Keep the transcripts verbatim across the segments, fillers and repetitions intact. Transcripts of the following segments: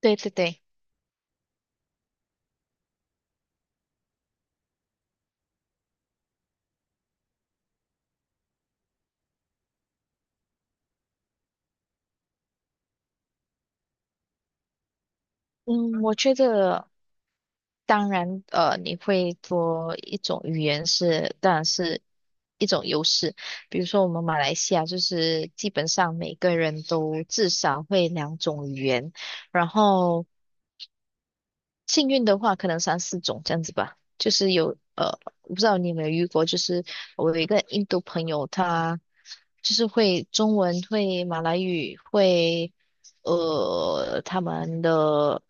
对对对。嗯，我觉得当然，呃，你会多一种语言是，当然是一种优势。比如说我们马来西亚，就是基本上每个人都至少会两种语言，然后。幸运的话，可能三四种这样子吧。就是有呃，我不知道你有没有遇过，就是我有一个印度朋友，他就是会中文、会马来语、会呃他们的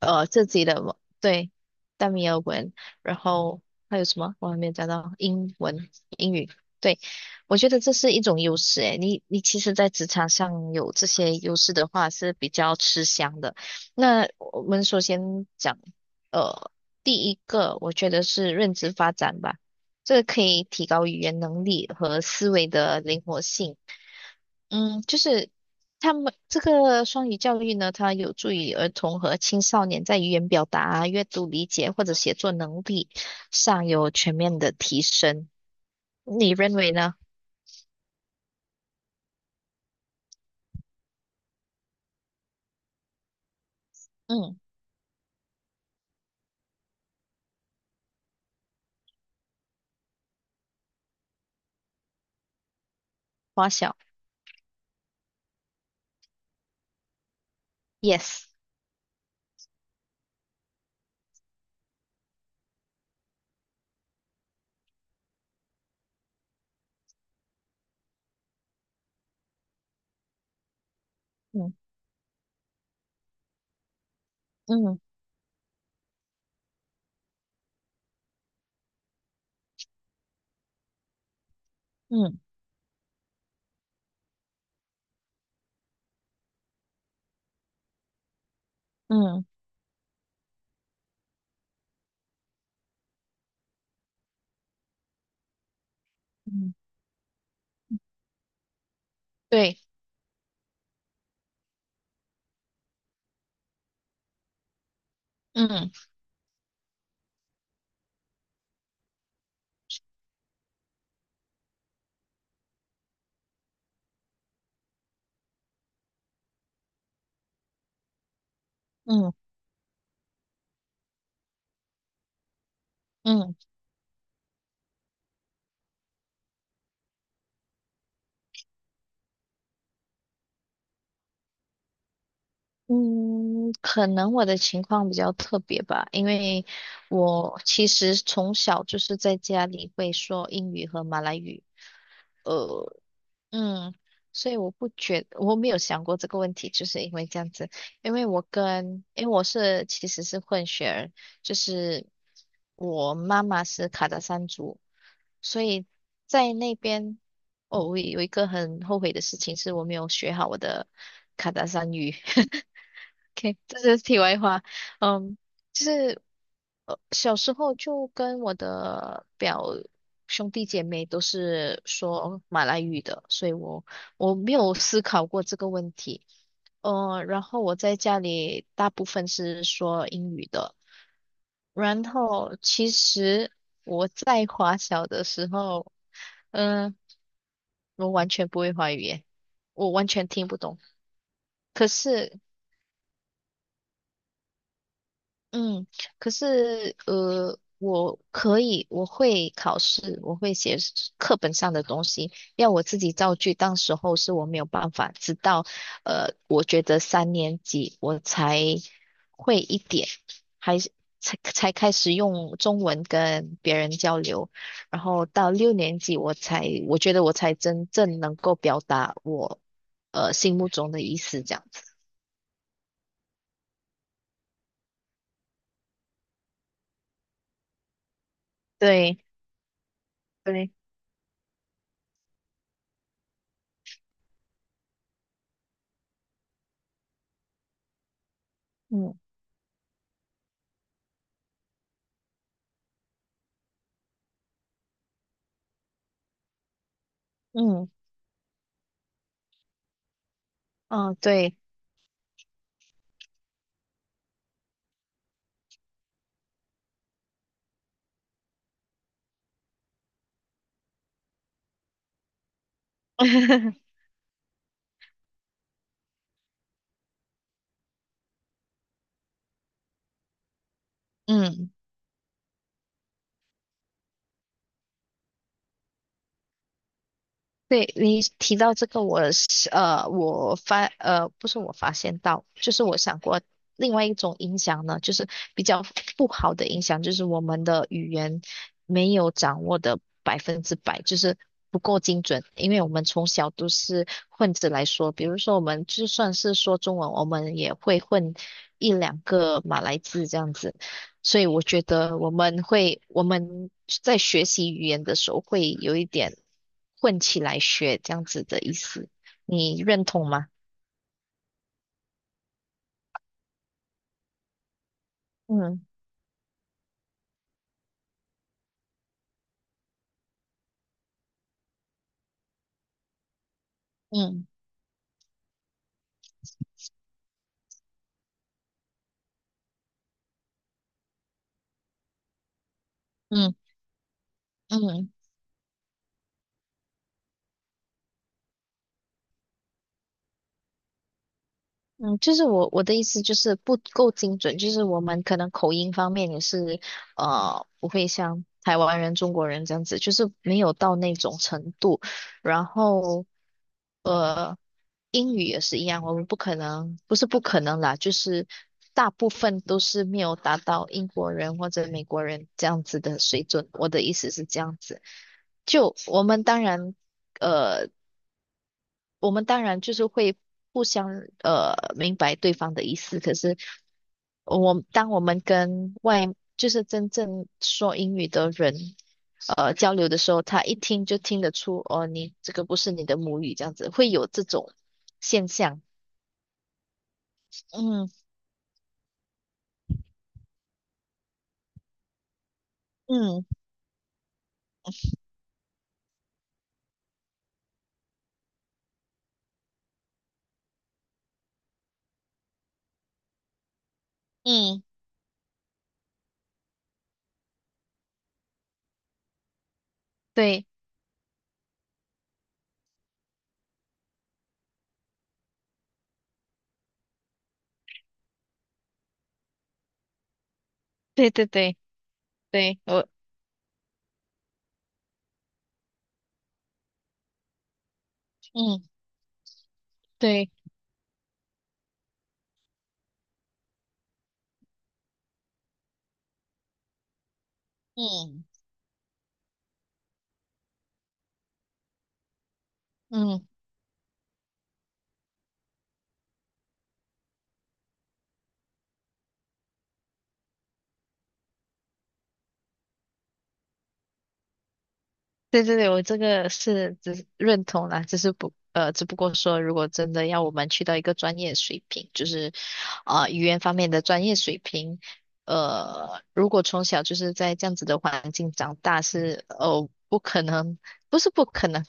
呃自己的文对，大米尔文，然后还有什么我还没有讲到英文、英语。对，我觉得这是一种优势诶，你你其实，在职场上有这些优势的话，是比较吃香的。那我们首先讲，呃，第一个我觉得是认知发展吧，这个可以提高语言能力和思维的灵活性。嗯，就是他们这个双语教育呢，它有助于儿童和青少年在语言表达啊、阅读理解或者写作能力上有全面的提升。你认为呢？嗯，花小，yes。嗯嗯嗯嗯嗯。对。嗯嗯嗯。嗯，可能我的情况比较特别吧，因为我其实从小就是在家里会说英语和马来语，呃，嗯，所以我不觉，我没有想过这个问题，就是因为这样子，因为我跟，因为我是其实是混血儿，就是我妈妈是卡达山族，所以在那边，哦，我有一个很后悔的事情是我没有学好我的卡达山语。OK,这是题外话。嗯，就是呃，小时候就跟我的表兄弟姐妹都是说马来语的，所以我我没有思考过这个问题。呃，然后我在家里大部分是说英语的。然后其实我在华小的时候，嗯、我完全不会华语耶，我完全听不懂。可是嗯，可是呃，我可以，我会考试，我会写课本上的东西，要我自己造句。当时候是我没有办法，直到呃，我觉得三年级我才会一点，还是才才开始用中文跟别人交流，然后到六年级我才，我觉得我才真正能够表达我呃心目中的意思，这样子。对。对。嗯嗯嗯。哦对。嗯。对，你提到这个我是，呃，我发呃，不是我发现到，就是我想过另外一种影响呢，就是比较不好的影响，就是我们的语言没有掌握的百分之百，就是不够精准，因为我们从小都是混着来说，比如说我们就算是说中文，我们也会混一两个马来字这样子。所以我觉得我们会，我们在学习语言的时候会有一点混起来学这样子的意思，你认同吗？嗯嗯嗯嗯嗯。就是我我的意思就是不够精准，就是我们可能口音方面也是呃不会像台湾人、中国人这样子，就是没有到那种程度，然后。呃。英语也是一样，我们不可能，不是不可能啦，就是大部分都是没有达到英国人或者美国人这样子的水准。我的意思是这样子，就我们当然，呃，我们当然就是会互相呃明白对方的意思，可是我当我们跟外就是真正说英语的人呃交流的时候，他一听就听得出哦，你这个不是你的母语，这样子会有这种现象。嗯。嗯嗯。对对对对对。我嗯对嗯嗯对对对。我这个是只是认同啦，只是不呃，只不过说如果真的要我们去到一个专业水平，就是啊、呃语言方面的专业水平，呃，如果从小就是在这样子的环境长大是哦不可能，不是不可能，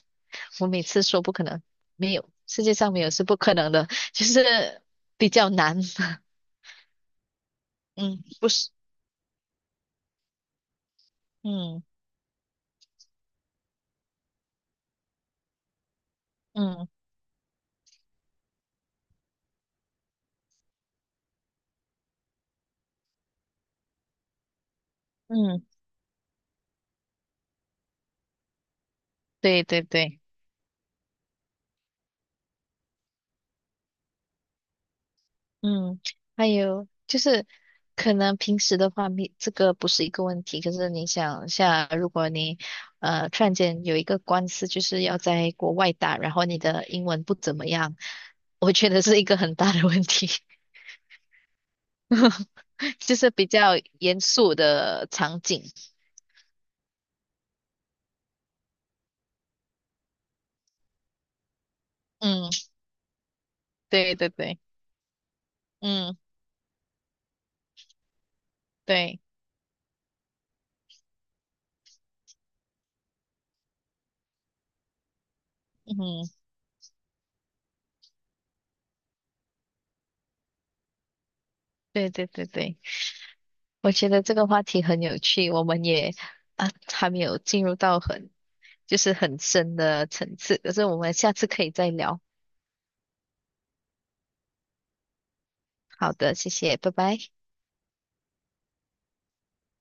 我每次说不可能，没有，世界上没有是不可能的，就是比较难。嗯，不是。嗯。嗯嗯。对对对。嗯。还有就是可能平时的话，没这个不是一个问题，可是你想一下，如果你呃突然间有一个官司，就是要在国外打，然后你的英文不怎么样，我觉得是一个很大的问题。就是比较严肃的场景。嗯。对对对。嗯对。嗯对对对对。我觉得这个话题很有趣，我们也啊还没有进入到很。就是很深的层次。可是我们下次可以再聊。好的，谢谢，拜拜。